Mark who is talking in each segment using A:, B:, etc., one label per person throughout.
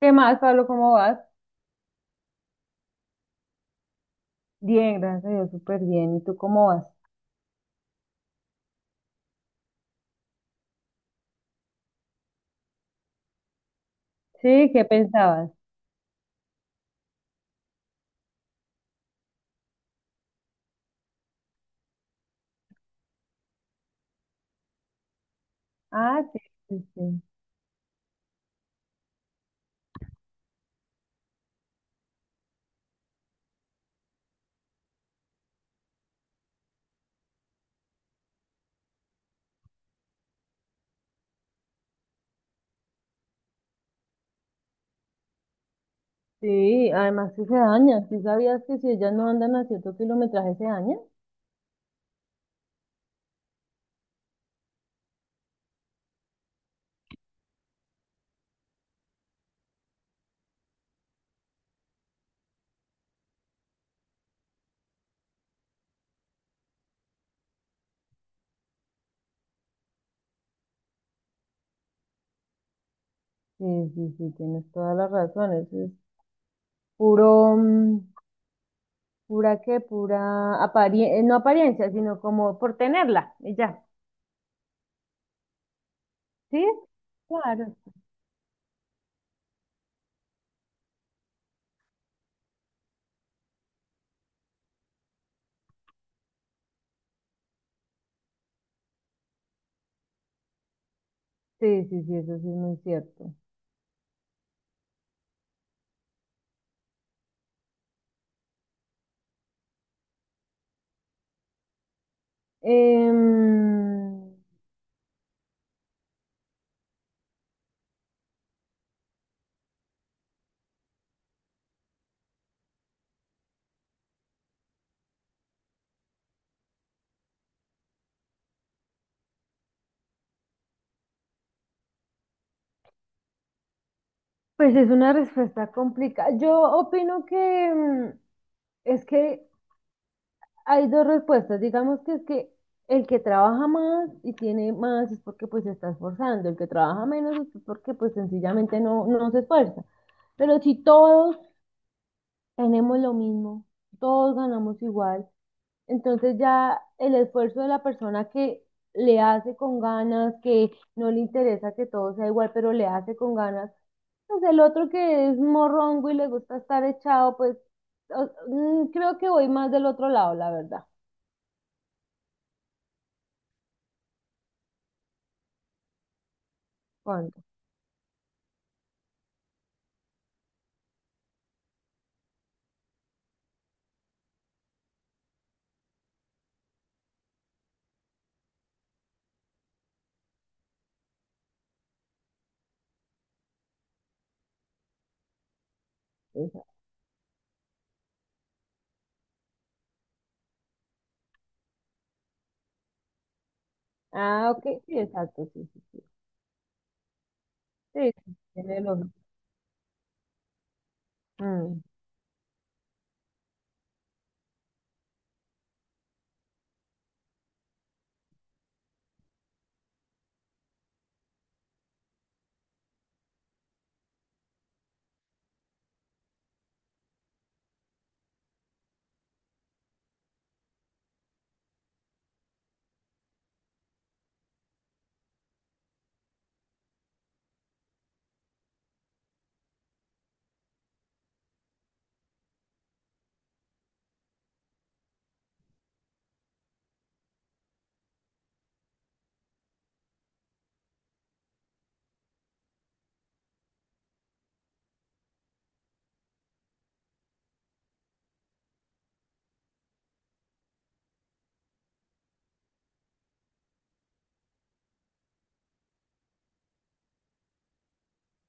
A: ¿Qué más, Pablo? ¿Cómo vas? Bien, gracias a Dios, súper bien. ¿Y tú cómo vas? Sí, ¿qué pensabas? Ah, sí, sí, sí. Sí, además que se daña. ¿Sí sabías que si ellas no andan a cierto kilometraje se dañan? Sí, sí, sí, tienes todas las razones. Es puro, pura qué, pura apariencia, no apariencia, sino como por tenerla y ya. ¿Sí? Claro. Sí, sí, sí, eso sí es muy cierto. Em, pues es una respuesta complicada. Yo opino que, es que hay dos respuestas. Digamos que es que el que trabaja más y tiene más es porque pues se está esforzando. El que trabaja menos es porque pues sencillamente no, no se esfuerza. Pero si todos tenemos lo mismo, todos ganamos igual, entonces ya el esfuerzo de la persona que le hace con ganas, que no le interesa que todo sea igual, pero le hace con ganas, pues el otro que es morrongo y le gusta estar echado, pues creo que voy más del otro lado, la verdad. ¿Cuánto? Esa. Ah, ok, sí, exacto, sí, sí, sí, sí, tiene lógica. Mm,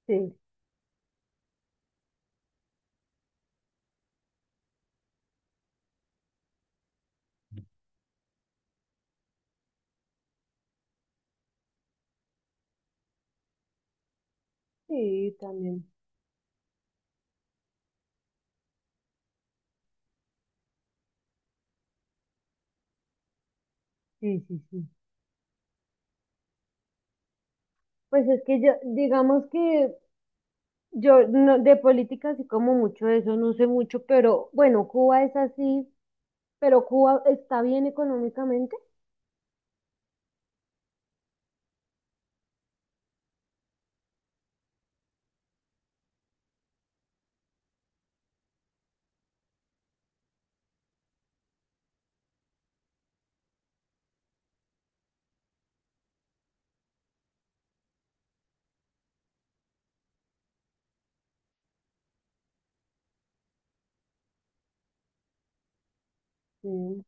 A: sí, sí, también, sí, sí, sí. Pues es que yo, digamos que yo no, de política sí como mucho de eso, no sé mucho, pero bueno, Cuba es así, pero Cuba está bien económicamente. Sí,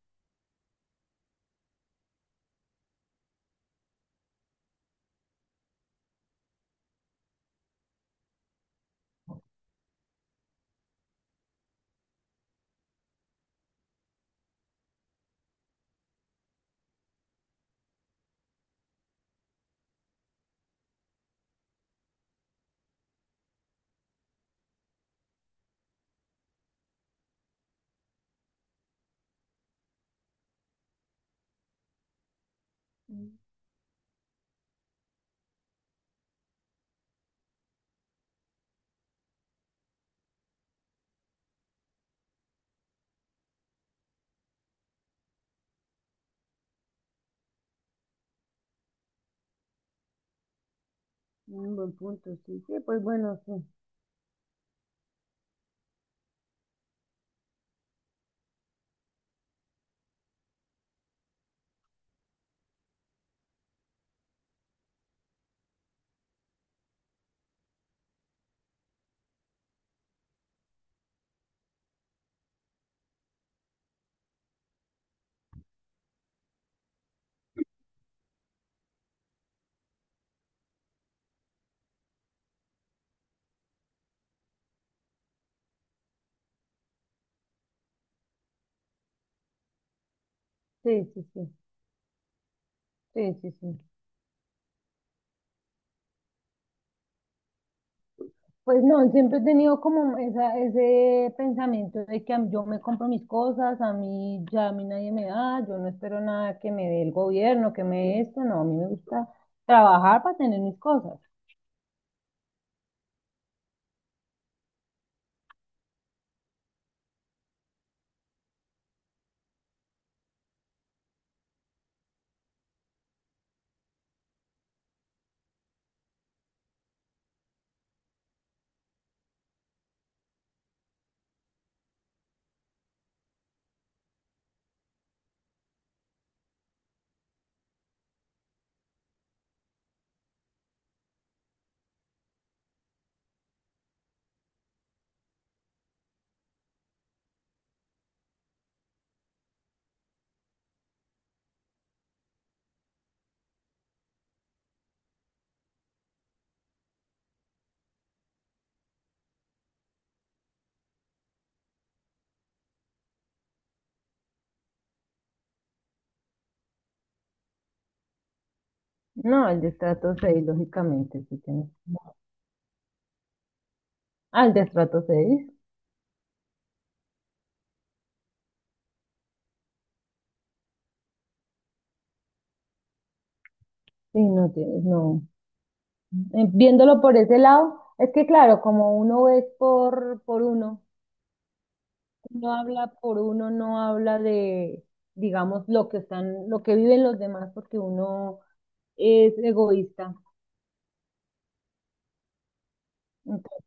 A: mm, un buen punto, sí, sí, pues bueno, sí, sí, sí, sí, sí, sí, sí. Pues no, siempre he tenido como esa, ese pensamiento de que yo me compro mis cosas, a mí ya a mí nadie me da, yo no espero nada que me dé el gobierno, que me dé esto, no, a mí me gusta trabajar para tener mis cosas. No, el destrato seis lógicamente, sí tienes. Ah, el destrato 6 sí, no tienes, no. Viéndolo por ese lado, es que claro, como uno es por uno, uno habla por uno, no habla de, digamos, lo que están, lo que viven los demás, porque uno es egoísta. Entonces,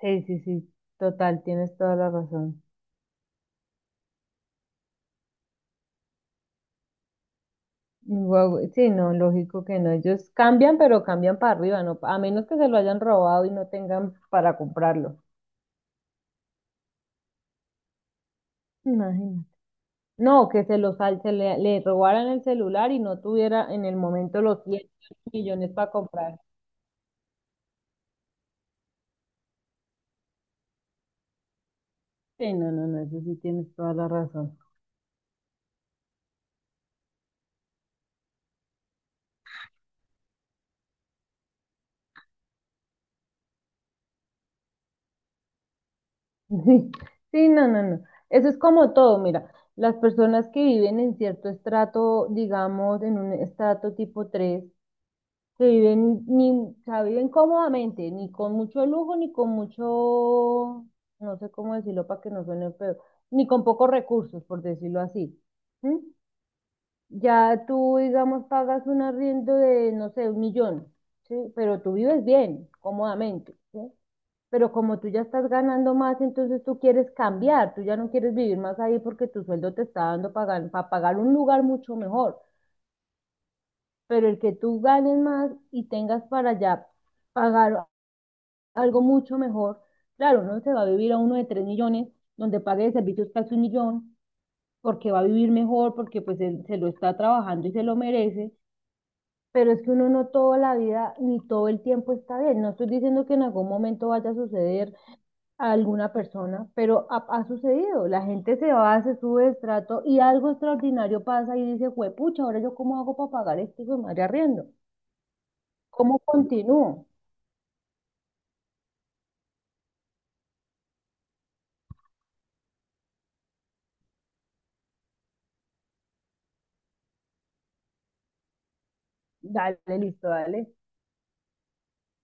A: sí, sí, sí, total, tienes toda la razón. Guau, sí, no, lógico que no. Ellos cambian, pero cambian para arriba, ¿no? A menos que se lo hayan robado y no tengan para comprarlo. Imagínate. No, que se le robaran el celular y no tuviera en el momento los 100.000.000 para comprar. Sí, no, no, no, eso sí tienes toda la razón. Sí, sí, no, no, no. Eso es como todo, mira, las personas que viven en cierto estrato, digamos, en un estrato tipo 3, que viven, ni, o sea, viven cómodamente, ni con mucho lujo, ni con mucho, no sé cómo decirlo para que no suene feo, ni con pocos recursos, por decirlo así. ¿Sí? Ya tú, digamos, pagas un arriendo de, no sé, 1.000.000, ¿sí? Pero tú vives bien, cómodamente, ¿sí? Pero como tú ya estás ganando más, entonces tú quieres cambiar, tú ya no quieres vivir más ahí porque tu sueldo te está dando para, pagar un lugar mucho mejor. Pero el que tú ganes más y tengas para allá pagar algo mucho mejor, claro, no se va a vivir a uno de 3.000.000, donde pague de servicios casi 1.000.000, porque va a vivir mejor, porque pues él se lo está trabajando y se lo merece. Pero es que uno no toda la vida ni todo el tiempo está bien. No estoy diciendo que en algún momento vaya a suceder a alguna persona, pero ha sucedido. La gente se va, se sube de estrato y algo extraordinario pasa y dice, pucha, ahora yo cómo hago para pagar este hijo de madre arriendo. ¿Cómo continúo? Dale, listo, dale.